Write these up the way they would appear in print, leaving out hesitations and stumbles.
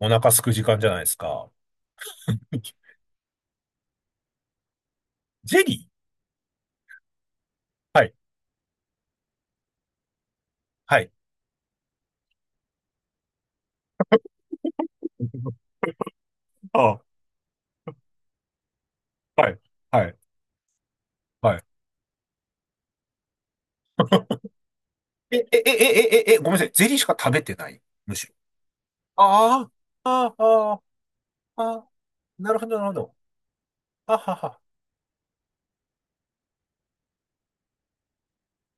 お腹空く時間じゃないですか。ゼリー。はい、はい。ああ、はい、はい、はい。え、え、え、え、え、え、え、ごめんなさい。ゼリーしか食べてないむしろ。ああ、ああ、ああ、なるほど、なるほど。あはは。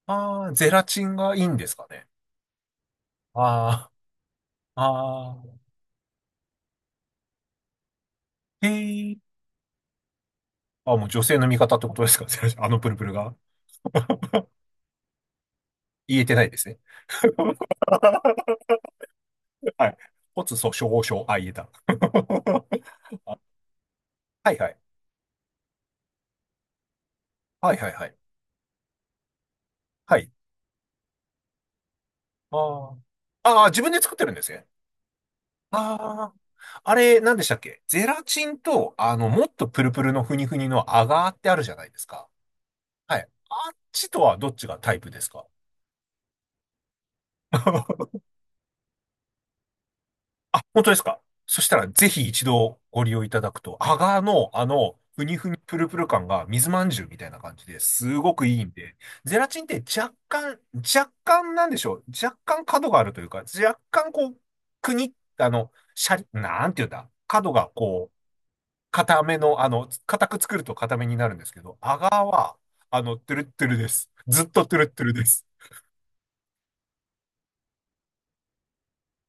ああ、ゼラチンがいいんですかね。ああ、ああ、へえ。あ、もう女性の味方ってことですか、ゼラチン。あのプルプルが。言えてないですね。はい。骨粗鬆症、あ、言えた。はいはい。はいはいはい。はい。ああ。ああ、自分で作ってるんですね。ああ。あれ、何でしたっけ、ゼラチンと、もっとプルプルのふにふにのアガーってあるじゃないですか。はい。あっちとはどっちがタイプですか？ あ、本当ですか。そしたら、ぜひ一度ご利用いただくと、アガーの、ふにふにプルプル感が水まんじゅうみたいな感じですごくいいんで、ゼラチンって若干、若干なんでしょう。若干角があるというか、若干こう、くに、シャリ、なんていうんだ。角がこう、硬めの、硬く作ると硬めになるんですけど、アガーは、トゥルットゥルです。ずっとトゥルットゥルです。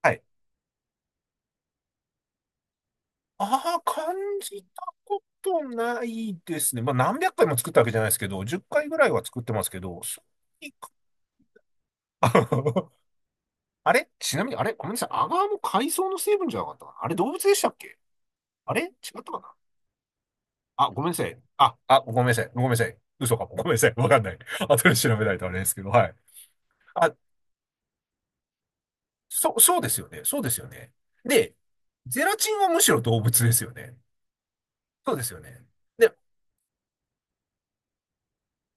はい。ああ、感じたことないですね。まあ、何百回も作ったわけじゃないですけど、10回ぐらいは作ってますけど、そんなにか。 あれちなみに、あれごめんなさい。アガーも海藻の成分じゃなかったかな、あれ動物でしたっけ？あれ違ったかな、あ、ごめんなさい。あ、あ、ごめんなさい。ごめんなさい。嘘かも。ごめんなさい。わかんない。後で調べないとあれですけど、はい。あ、そう、そうですよね。そうですよね。で、ゼラチンはむしろ動物ですよね。そうですよね。で、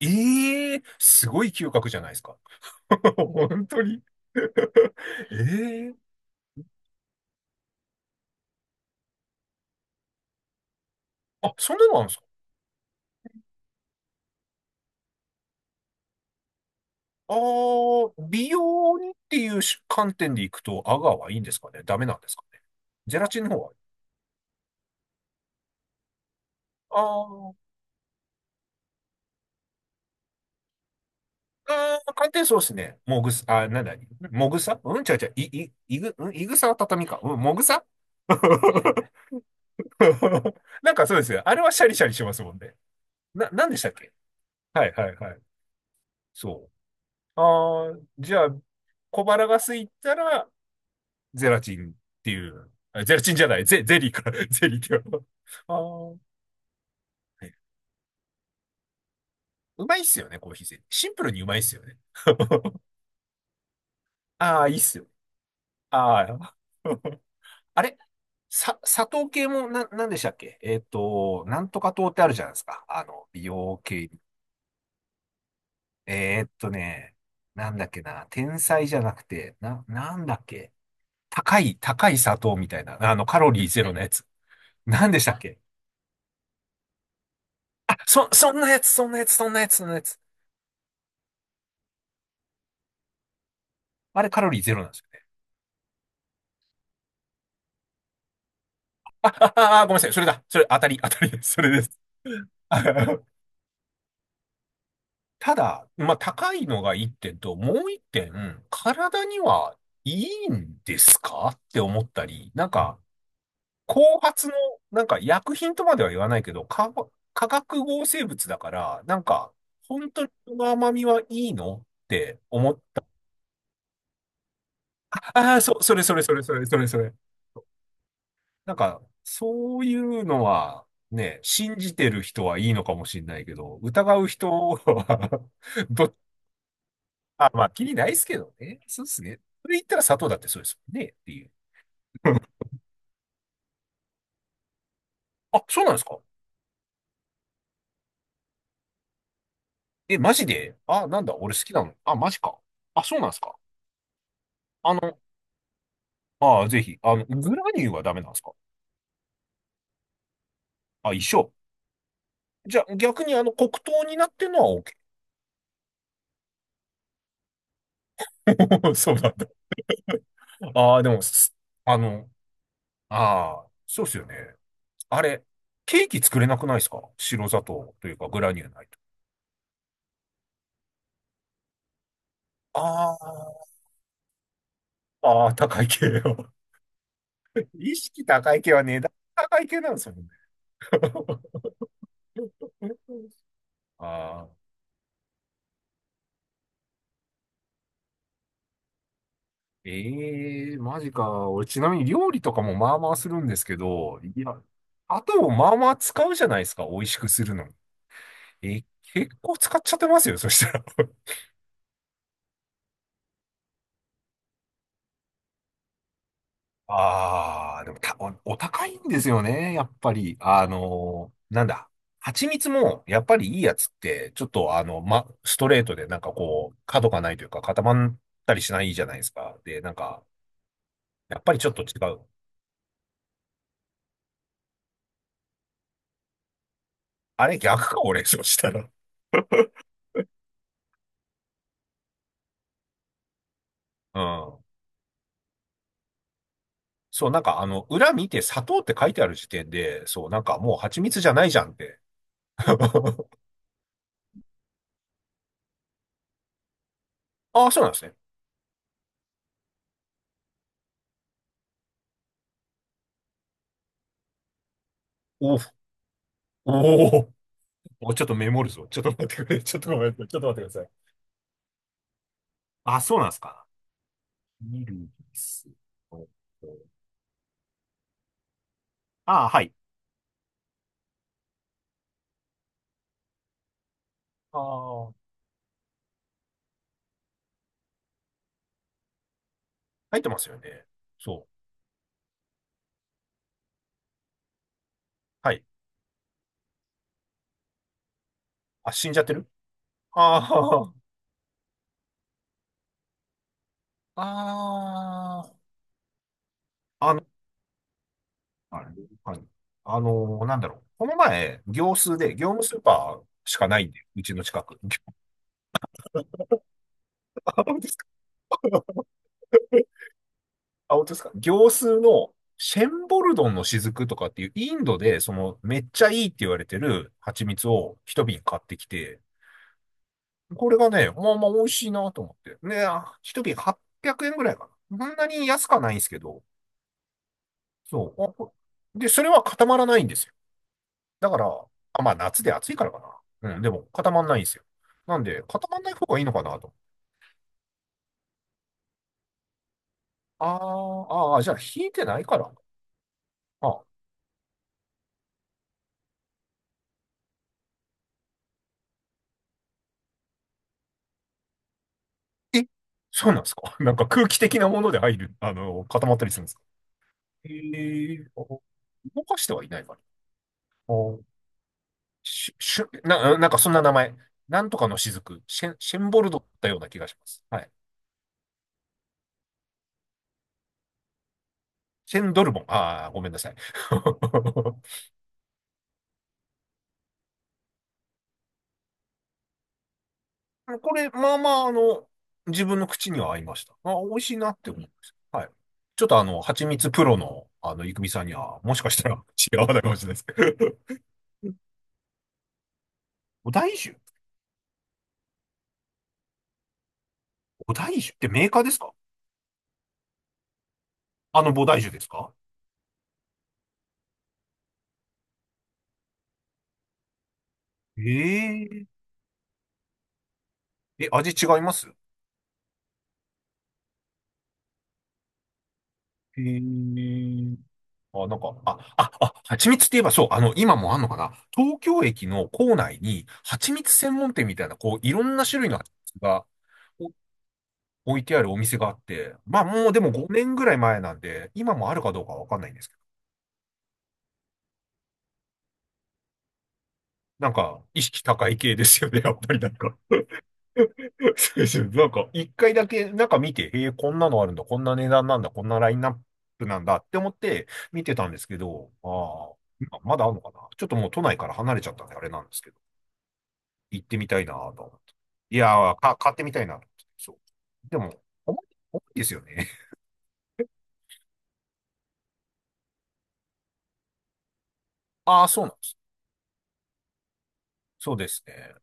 ええー、すごい嗅覚じゃないですか。本当に。 ええ。あ、それなんですか？ああー、美容にっていう観点でいくと、アガーはいいんですかね、ダメなんですかね？ゼラチンの方は？ああ、ああ、寒天そうですね。もぐさ、あ、なんだ、もぐさ、うん、ちゃうちゃう、い、い、いぐ、うん、いぐさは畳か。うん、もぐさ。 なんかそうですよ。あれはシャリシャリしますもんね。な、なんでしたっけ？はいはいはい。そう。ああ、じゃあ、小腹が空いたら、ゼラチンっていう、あゼラチンじゃない、ゼ、ゼリーか、ゼリーっていう。あー、はい。うまいっすよね、コーヒーゼリー。シンプルにうまいっすよね。ああ、いいっすよ。ああ。あれ、さ、砂糖系もな、なんでしたっけ、なんとか糖ってあるじゃないですか。美容系。えーっとね、なんだっけな、天才じゃなくて、な、なんだっけ。高い、高い砂糖みたいな、カロリーゼロのやつ。なんでしたっけ？あ、そ、そんなやつ、そんなやつ、そんなやつ、そんなやつ。あれカロリーゼロなんですよね。あ、あ、あ、ごめんなさい。それだ。それ、当たり、当たりです。それです。あ、ただ、まあ、高いのが一点と、もう一点、体にはいいんですかって思ったり、なんか、後発の、なんか薬品とまでは言わないけど、化、化学合成物だから、なんか、本当にこの甘みはいいのって思った。ああー、そ、それそれそれそれそれそれ。なんか、そういうのは、ね、信じてる人はいいのかもしれないけど、疑う人は、 ど、あ、まあ、気にないですけどね。そうですね。それ言ったら砂糖だってそうですもんね、っていう。あ、そうなんですか？え、マジで？あ、なんだ、俺好きなの。あ、マジか。あ、そうなんですか？あの、あ、ぜひ、グラニューはダメなんですか？あ、一緒。じゃあ、逆にあの、黒糖になってるのは OK。そうなんだ。ああ、でも、す、あの、ああ、そうですよね。あれ、ケーキ作れなくないですか、白砂糖というかグラニューないと。ああ、ああ、高い系よ。意識高い系は値段高い系なんですよね。ああ、ええ、マジか。俺、ちなみに料理とかもまあまあするんですけど、いや、あとをまあまあ使うじゃないですか、美味しくするのに。え、結構使っちゃってますよ、そしたら。ああ、でもた、お、お高いんですよね、やっぱり。なんだ。蜂蜜も、やっぱりいいやつって、ちょっとあの、ま、ストレートでなんかこう、角がないというか固まったりしないじゃないですか。で、なんか、やっぱりちょっと違う。あれ逆か、俺、そうしたら。うん。そう、なんかあの、裏見て砂糖って書いてある時点で、そう、なんかもう蜂蜜じゃないじゃんって。ああ、そうなんですね。お、お、お、ちょっとメモるぞ。ちょっと待ってくれ。ちょっとごめんなさい。ちょっと待ってください。あ、そうなんですか。ミルです。ああ、はい。ああ、入ってますよね。そう。はい。あ、死んじゃってる？ああ、ああ、あれ、はい。あのなんだろう。この前、業スーで、業務スーパーしかないんで、うちの近く。あ、本当ですか？あ、本当ですか、業スーの、シェンボルドンの雫とかっていう、インドで、その、めっちゃいいって言われてる蜂蜜を一瓶買ってきて、これがね、まあまあ美味しいなと思って。ね、あ一瓶800円ぐらいかな。そんなに安くはないんですけど、そう。あこで、それは固まらないんですよ。だから、あ、まあ夏で暑いからかな。うん、でも固まらないんですよ。なんで、固まらない方がいいのかなと。あー、あー、じゃあ冷えてないから。あ、え、そうなんですか？ なんか空気的なもので入る、固まったりするんですか？ええー、あ、動かしてはいないから。あ、し、しゅ、な、なんかそんな名前。なんとかの雫。シェン、シェンボルドだったような気がします。はい。シェンドルボン。ああ、ごめんなさい。これ、まあまあ、自分の口には合いました。あ、美味しいなって思いました。はい。ちょっとあの、蜂蜜プロの、いくみさんには、もしかしたら違わないかもしれないですけど。お大酒。お大酒ってメーカーですか？あの、菩提樹ですか？ええ、え、味違います？ええ、あ、なんか、あ、あ、あ、蜂蜜って言えばそう、今もあんのかな、東京駅の構内に、蜂蜜専門店みたいな、こう、いろんな種類の蜂蜜がお置いてあるお店があって、まあもうでも5年ぐらい前なんで、今もあるかどうかはわかんないんですけど、なんか、意識高い系ですよね、やっぱりなんか。 そうですよ。なんか、一回だけ、なんか見て、えー、こんなのあるんだ、こんな値段なんだ、こんなラインナップなんだって思って見てたんですけど、ああ、まだあるのかな、ちょっともう都内から離れちゃったんで、あれなんですけど。行ってみたいなと思って。いやー、か、買ってみたいなと思って。そう。でも、重い、重いですよね。ああ、そうなんです。そうですね。